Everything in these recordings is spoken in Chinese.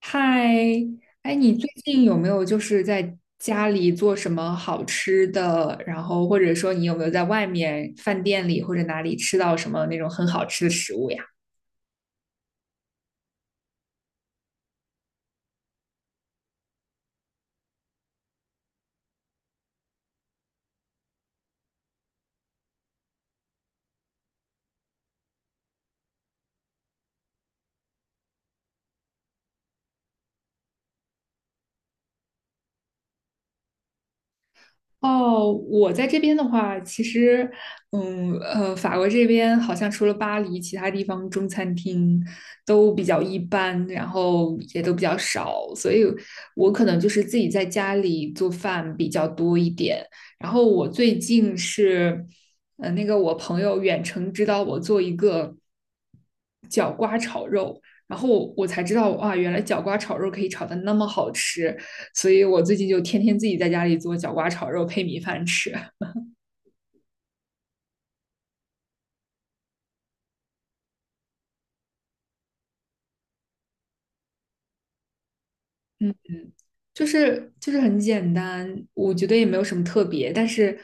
嗨，哎，你最近有没有在家里做什么好吃的？然后或者说你有没有在外面饭店里或者哪里吃到什么那种很好吃的食物呀？哦，我在这边的话，其实，法国这边好像除了巴黎，其他地方中餐厅都比较一般，然后也都比较少，所以我可能就是自己在家里做饭比较多一点。然后我最近是，那个我朋友远程指导我做一个角瓜炒肉，然后我才知道，哇，原来角瓜炒肉可以炒的那么好吃。所以我最近就天天自己在家里做角瓜炒肉配米饭吃。嗯，就是很简单，我觉得也没有什么特别。但是，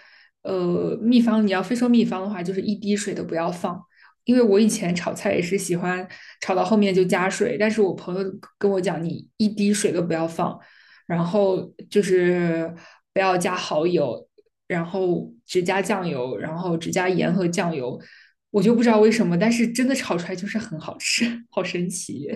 秘方你要非说秘方的话，就是一滴水都不要放。因为我以前炒菜也是喜欢炒到后面就加水，但是我朋友跟我讲，你一滴水都不要放，然后就是不要加蚝油，然后只加酱油，然后只加盐和酱油。我就不知道为什么，但是真的炒出来就是很好吃，好神奇。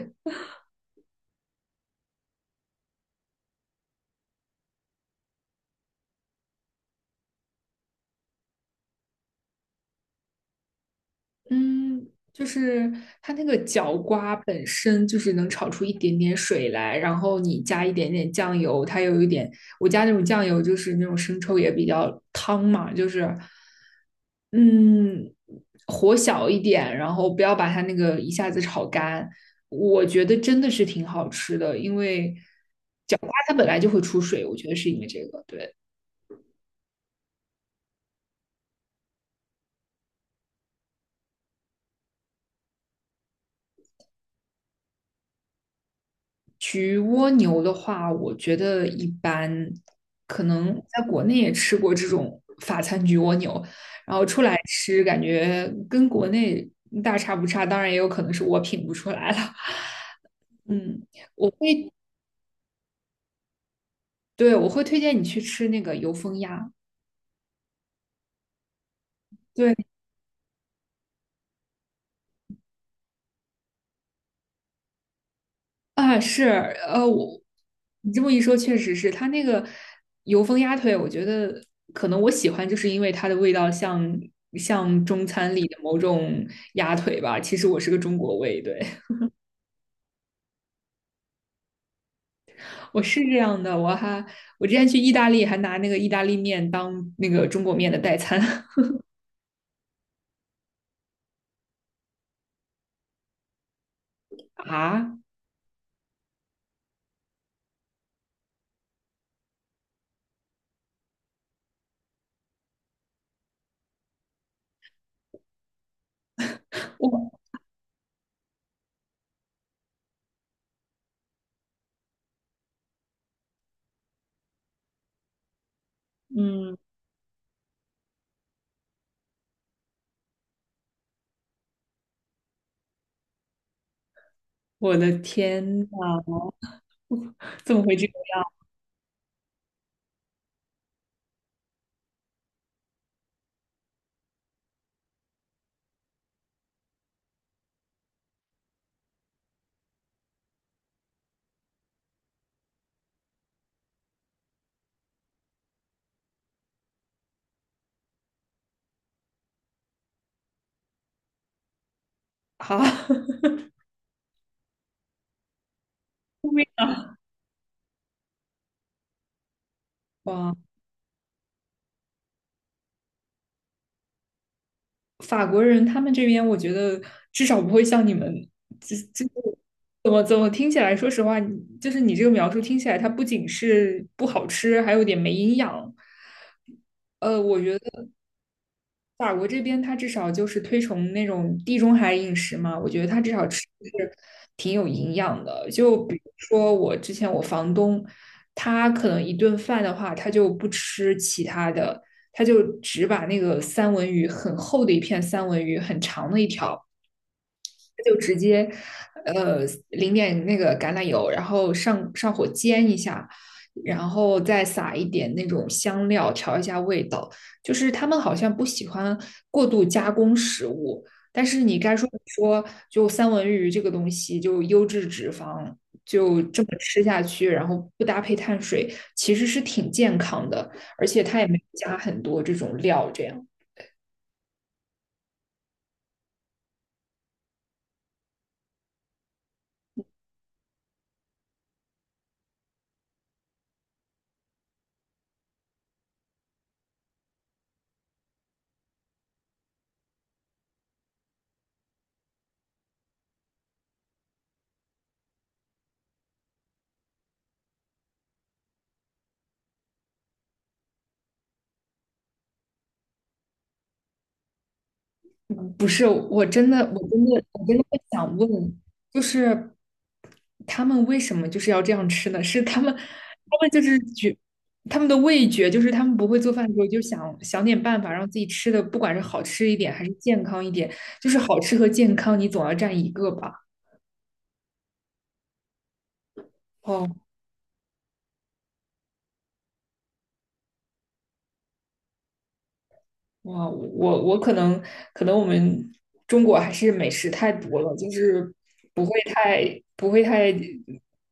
嗯，就是它那个角瓜本身就是能炒出一点点水来，然后你加一点点酱油，它有一点，我加那种酱油就是那种生抽也比较汤嘛，就是嗯，火小一点，然后不要把它那个一下子炒干，我觉得真的是挺好吃的，因为角瓜它本来就会出水，我觉得是因为这个，对。焗蜗牛的话，我觉得一般，可能在国内也吃过这种法餐焗蜗牛，然后出来吃感觉跟国内大差不差，当然也有可能是我品不出来了。嗯，我会，对，我会推荐你去吃那个油封鸭。对，啊，是，呃，我你这么一说，确实是它那个油封鸭腿，我觉得可能我喜欢，就是因为它的味道像中餐里的某种鸭腿吧。其实我是个中国胃，对，我是这样的。我之前去意大利还拿那个意大利面当那个中国面的代餐 啊，我嗯，我的天呐，怎么会这样？好，哇。法国人他们这边，我觉得至少不会像你们，这这怎么怎么听起来，说实话，你就是你这个描述听起来，它不仅是不好吃，还有点没营养。我觉得法国这边它至少就是推崇那种地中海饮食嘛，我觉得它至少吃的是挺有营养的。就比如说我之前我房东，他可能一顿饭的话，他就不吃其他的，他就只把那个三文鱼很厚的一片三文鱼，很长的一条。就直接呃淋点那个橄榄油，然后上火煎一下，然后再撒一点那种香料调一下味道。就是他们好像不喜欢过度加工食物，但是你该说不说，就三文鱼这个东西，就优质脂肪。就这么吃下去，然后不搭配碳水，其实是挺健康的，而且它也没加很多这种料，这样。不是，我真的会想问，就是他们为什么就是要这样吃呢？他们就是觉，他们的味觉就是他们不会做饭的时候就想点办法让自己吃的，不管是好吃一点还是健康一点，就是好吃和健康你总要占一个吧。哦，哇，我可能我们中国还是美食太多了，就是不会太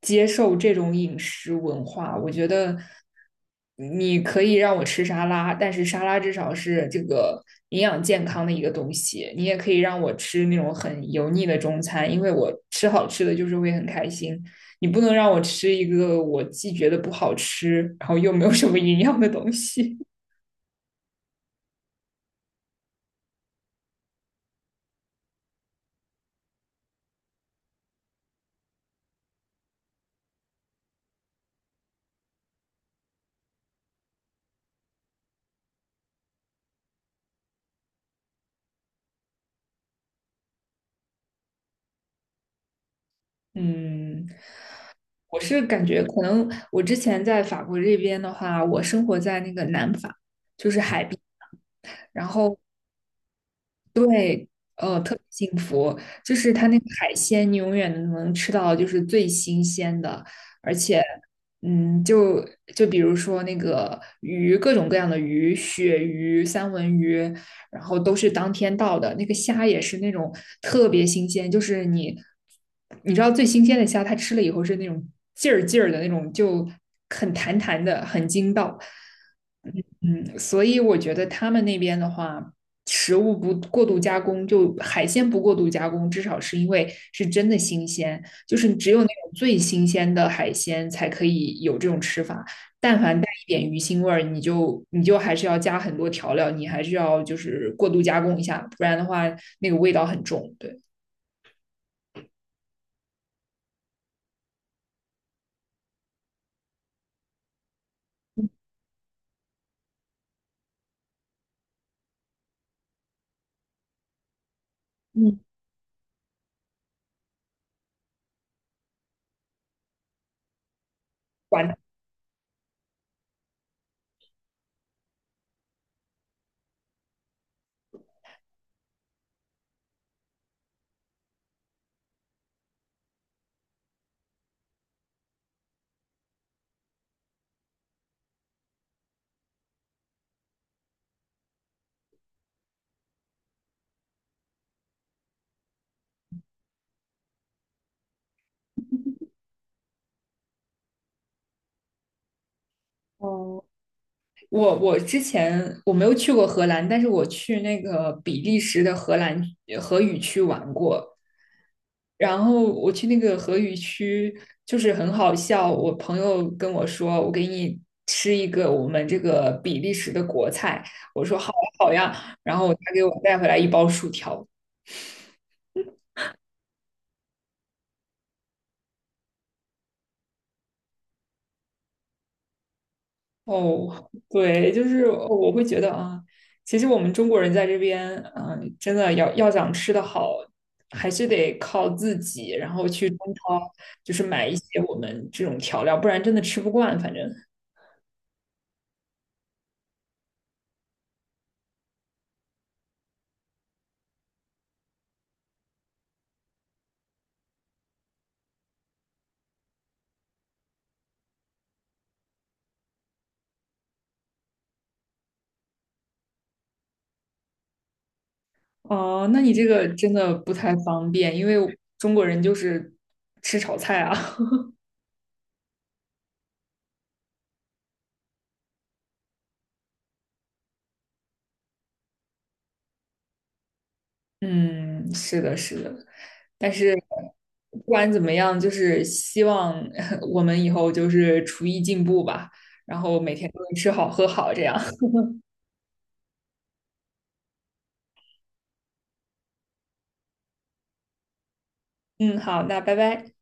接受这种饮食文化。我觉得你可以让我吃沙拉，但是沙拉至少是这个营养健康的一个东西。你也可以让我吃那种很油腻的中餐，因为我吃好吃的就是会很开心。你不能让我吃一个我既觉得不好吃，然后又没有什么营养的东西。嗯。我是感觉可能我之前在法国这边的话，我生活在那个南法，就是海边，然后对，特别幸福，就是它那个海鲜，你永远能吃到就是最新鲜的，而且，嗯，就就比如说那个鱼，各种各样的鱼，鳕鱼、三文鱼，然后都是当天到的。那个虾也是那种特别新鲜，你知道最新鲜的虾，它吃了以后是那种劲儿劲儿的那种，就很弹弹的，很筋道。嗯,所以我觉得他们那边的话。食物不过度加工，就海鲜不过度加工，至少是因为是真的新鲜，就是只有那种最新鲜的海鲜才可以有这种吃法。但凡带一点鱼腥味儿，你就还是要加很多调料，你还是要就是过度加工一下，不然的话那个味道很重。对，嗯，管哦，我之前我没有去过荷兰，但是我去那个比利时的荷兰荷语区玩过。然后我去那个荷语区，就是很好笑。我朋友跟我说，我给你吃一个我们这个比利时的国菜。我说好呀好呀。然后他给我带回来一包薯条，哦，对，就是我会觉得啊，其实我们中国人在这边，嗯、真的要想吃得好，还是得靠自己，然后去中超就是买一些我们这种调料，不然真的吃不惯。反正，哦、那你这个真的不太方便，因为中国人就是吃炒菜啊。嗯，是的，是的。但是不管怎么样，就是希望 我们以后就是厨艺进步吧，然后每天都能吃好喝好这样。嗯，好，那拜拜。